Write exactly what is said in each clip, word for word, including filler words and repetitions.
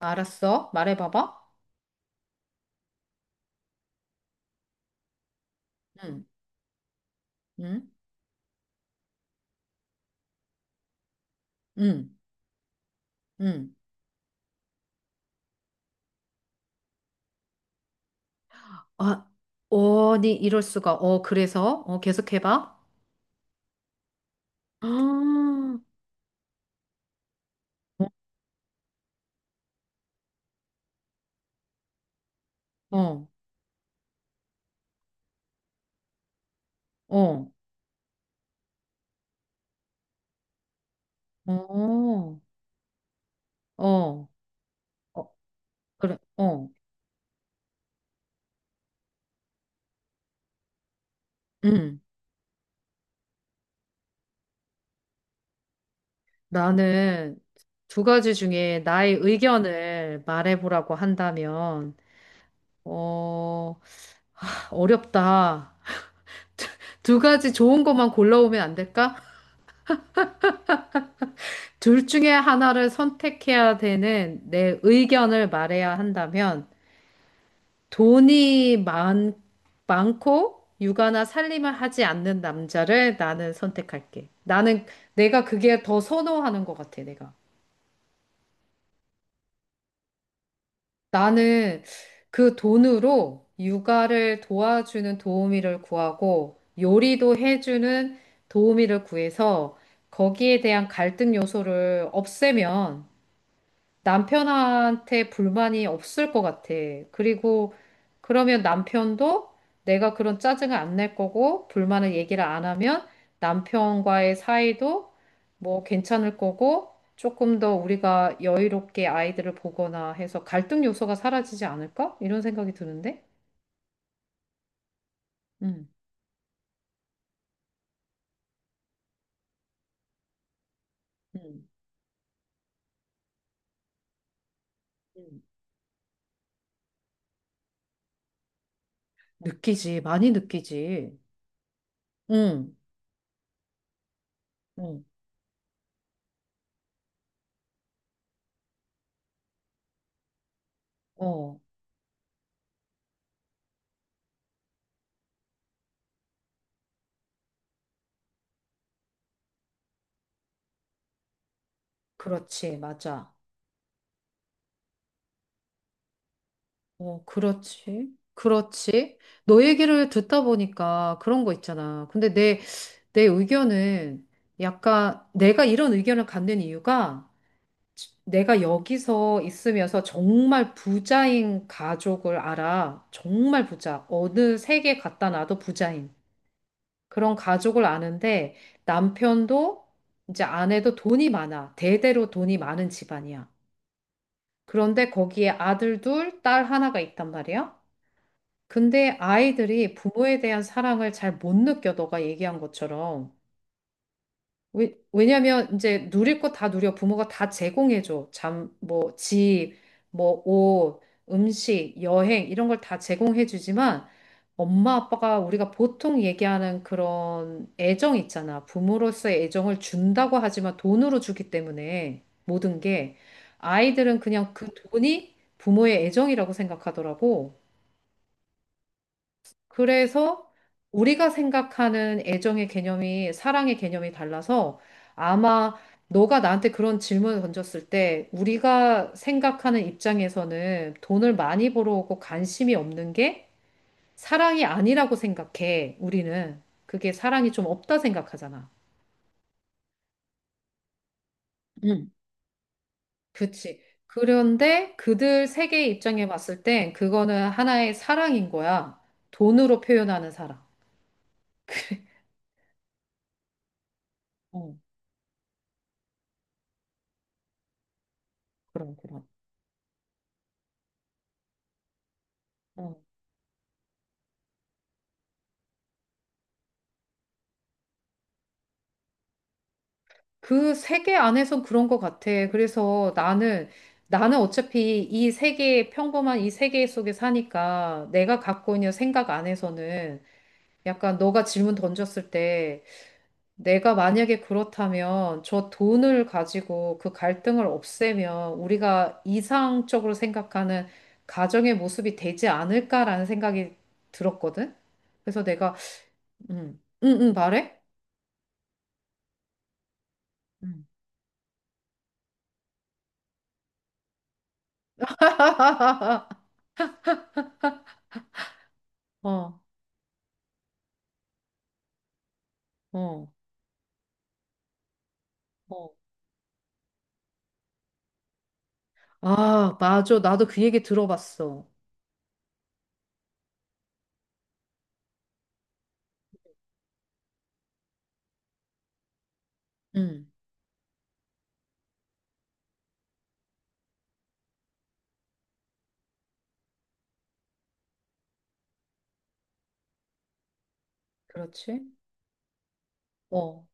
알았어. 말해봐봐. 응, 응, 응, 응. 아, 어니 이럴 수가. 어, 그래서? 어, 계속해봐. 아, 어, 어, 어, 어, 어, 그래, 어. 응. 나는 두 가지 중에 나의 의견을 말해보라고 한다면, 어, 어렵다. 두 가지 좋은 것만 골라오면 안 될까? 둘 중에 하나를 선택해야 되는 내 의견을 말해야 한다면 돈이 많, 많고 육아나 살림을 하지 않는 남자를 나는 선택할게. 나는 내가 그게 더 선호하는 것 같아, 내가. 나는 그 돈으로 육아를 도와주는 도우미를 구하고 요리도 해주는 도우미를 구해서 거기에 대한 갈등 요소를 없애면 남편한테 불만이 없을 것 같아. 그리고 그러면 남편도 내가 그런 짜증을 안 낼 거고 불만을 얘기를 안 하면 남편과의 사이도 뭐 괜찮을 거고 조금 더 우리가 여유롭게 아이들을 보거나 해서 갈등 요소가 사라지지 않을까? 이런 생각이 드는데. 음. 음. 음. 느끼지, 많이 느끼지. 응, 응, 어, 그렇지, 맞아. 어, 그렇지. 그렇지. 너 얘기를 듣다 보니까 그런 거 있잖아. 근데 내, 내 의견은 약간 내가 이런 의견을 갖는 이유가 내가 여기서 있으면서 정말 부자인 가족을 알아. 정말 부자. 어느 세계 갖다 놔도 부자인 그런 가족을 아는데 남편도 이제 아내도 돈이 많아. 대대로 돈이 많은 집안이야. 그런데 거기에 아들 둘, 딸 하나가 있단 말이야. 근데 아이들이 부모에 대한 사랑을 잘 못 느껴, 너가 얘기한 것처럼. 왜, 왜냐면 이제 누릴 거 다 누려. 부모가 다 제공해줘. 잠, 뭐, 집, 뭐, 옷, 음식, 여행, 이런 걸 다 제공해주지만, 엄마, 아빠가 우리가 보통 얘기하는 그런 애정 있잖아. 부모로서의 애정을 준다고 하지만 돈으로 주기 때문에 모든 게 아이들은 그냥 그 돈이 부모의 애정이라고 생각하더라고. 그래서 우리가 생각하는 애정의 개념이 사랑의 개념이 달라서 아마 너가 나한테 그런 질문을 던졌을 때 우리가 생각하는 입장에서는 돈을 많이 벌어오고 관심이 없는 게 사랑이 아니라고 생각해, 우리는. 그게 사랑이 좀 없다 생각하잖아. 응. 그치. 그런데 그들 세계의 입장에 봤을 땐 그거는 하나의 사랑인 거야. 돈으로 표현하는 사랑. 어, 그런, 그런. 그 세계 안에선 그런 것 같아. 그래서 나는, 나는 어차피 이 세계, 평범한 이 세계 속에 사니까 내가 갖고 있는 생각 안에서는 약간 너가 질문 던졌을 때 내가 만약에 그렇다면 저 돈을 가지고 그 갈등을 없애면 우리가 이상적으로 생각하는 가정의 모습이 되지 않을까라는 생각이 들었거든? 그래서 내가, 음, 응, 응, 말해? 음. 어, 어. 어. 아, 맞아. 나도 그 얘기 들어봤어. 응, 그렇지? 어.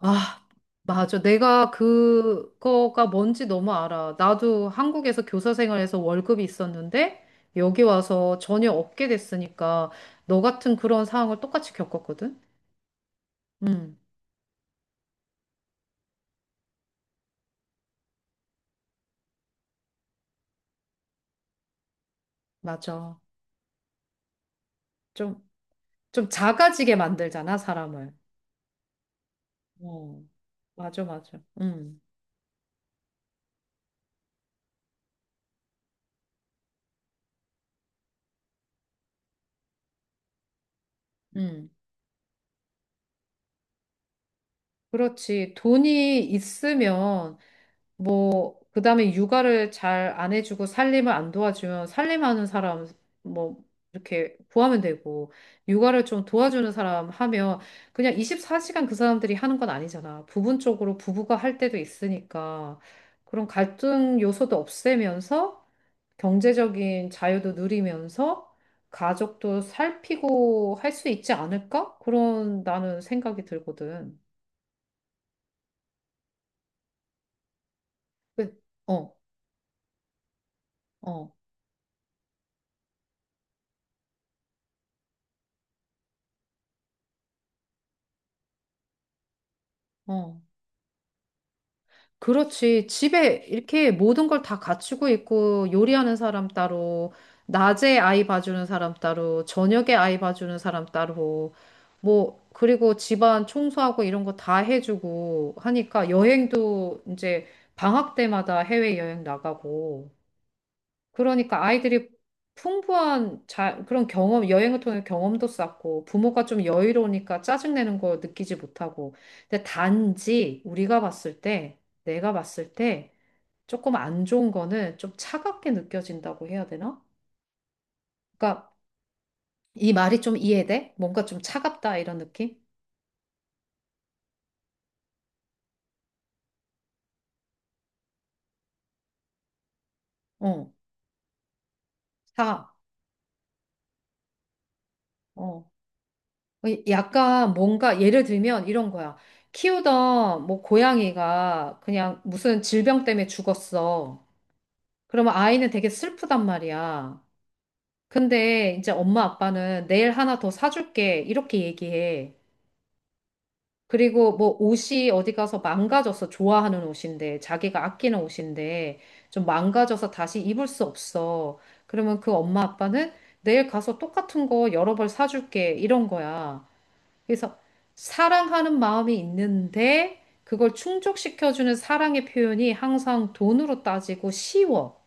아, 맞아. 내가 그거가 뭔지 너무 알아. 나도 한국에서 교사 생활에서 월급이 있었는데 여기 와서 전혀 없게 됐으니까 너 같은 그런 상황을 똑같이 겪었거든. 음, 맞아. 좀, 좀 작아지게 만들잖아, 사람을. 어. 맞아, 맞아. 음. 응, 그렇지. 돈이 있으면 뭐, 그 다음에 육아를 잘 안 해주고 살림을 안 도와주면 살림하는 사람, 뭐, 이렇게 구하면 되고, 육아를 좀 도와주는 사람 하면 그냥 이십사 시간 그 사람들이 하는 건 아니잖아. 부분적으로 부부가 할 때도 있으니까 그런 갈등 요소도 없애면서 경제적인 자유도 누리면서 가족도 살피고 할 수 있지 않을까? 그런 나는 생각이 들거든. 그- 어, 어, 어. 그렇지. 집에 이렇게 모든 걸 다 갖추고 있고, 요리하는 사람 따로, 낮에 아이 봐주는 사람 따로, 저녁에 아이 봐주는 사람 따로, 뭐, 그리고 집안 청소하고 이런 거 다 해주고 하니까 여행도 이제 방학 때마다 해외여행 나가고, 그러니까 아이들이 풍부한 자, 그런 경험, 여행을 통해 경험도 쌓고 부모가 좀 여유로우니까 짜증내는 거 느끼지 못하고. 근데 단지 우리가 봤을 때, 내가 봤을 때 조금 안 좋은 거는 좀 차갑게 느껴진다고 해야 되나? 그러니까 이 말이 좀 이해돼? 뭔가 좀 차갑다 이런 느낌? 어, 차, 어. 약간 뭔가 예를 들면 이런 거야. 키우던 뭐 고양이가 그냥 무슨 질병 때문에 죽었어. 그러면 아이는 되게 슬프단 말이야. 근데 이제 엄마 아빠는 내일 하나 더 사줄게. 이렇게 얘기해. 그리고 뭐 옷이 어디 가서 망가져서 좋아하는 옷인데, 자기가 아끼는 옷인데, 좀 망가져서 다시 입을 수 없어. 그러면 그 엄마 아빠는 내일 가서 똑같은 거 여러 벌 사줄게. 이런 거야. 그래서 사랑하는 마음이 있는데, 그걸 충족시켜주는 사랑의 표현이 항상 돈으로 따지고 쉬워.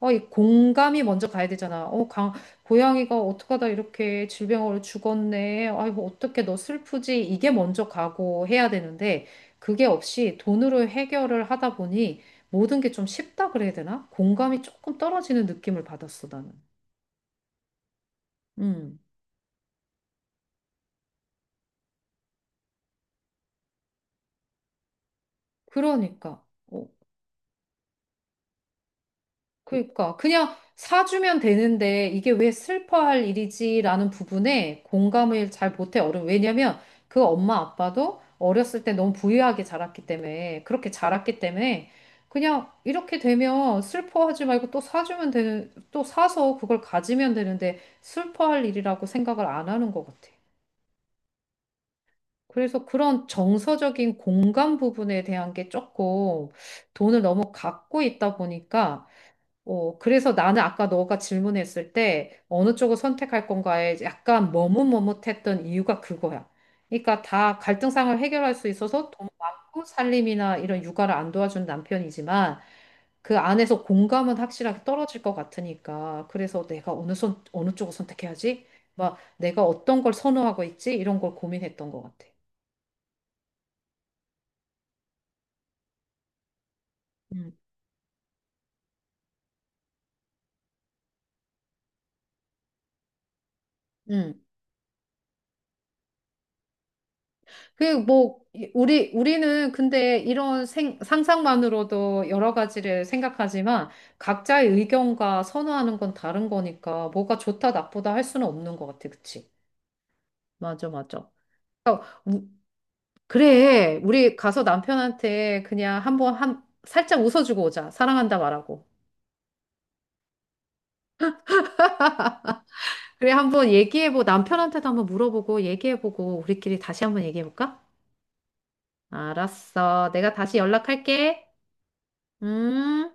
어, 이 공감이 먼저 가야 되잖아. 어, 강, 고양이가 어떡하다 이렇게 질병으로 죽었네. 아이고, 어떻게 너 슬프지? 이게 먼저 가고 해야 되는데, 그게 없이 돈으로 해결을 하다 보니 모든 게 좀 쉽다 그래야 되나? 공감이 조금 떨어지는 느낌을 받았어, 나는. 음, 그러니까. 어, 그러니까 그냥 사주면 되는데 이게 왜 슬퍼할 일이지라는 부분에 공감을 잘 못해 어른 왜냐면 그 엄마 아빠도 어렸을 때 너무 부유하게 자랐기 때문에 그렇게 자랐기 때문에 그냥 이렇게 되면 슬퍼하지 말고 또 사주면 되는 또 사서 그걸 가지면 되는데 슬퍼할 일이라고 생각을 안 하는 것 같아. 그래서 그런 정서적인 공감 부분에 대한 게 조금 돈을 너무 갖고 있다 보니까 어, 그래서 나는 아까 너가 질문했을 때 어느 쪽을 선택할 건가에 약간 머뭇머뭇했던 이유가 그거야. 그러니까 다 갈등상을 해결할 수 있어서 돈 많고 살림이나 이런 육아를 안 도와준 남편이지만 그 안에서 공감은 확실하게 떨어질 것 같으니까 그래서 내가 어느 손, 어느 쪽을 선택해야지? 막 내가 어떤 걸 선호하고 있지? 이런 걸 고민했던 것 같아. 음. 음. 그, 뭐, 이- 우리, 우리는 근데 이런 생, 상상만으로도 여러 가지를 생각하지만 각자의 의견과 선호하는 건 다른 거니까 뭐가 좋다, 나쁘다 할 수는 없는 것 같아. 그치? 맞아, 맞아. 그러니까 우- 그래. 우리 가서 남편한테 그냥 한번 한, 살짝 웃어주고 오자. 사랑한다 말하고. 그래, 한번 얘기해보고, 남편한테도 한번 물어보고, 얘기해보고, 우리끼리 다시 한번 얘기해볼까? 알았어. 내가 다시 연락할게. 음.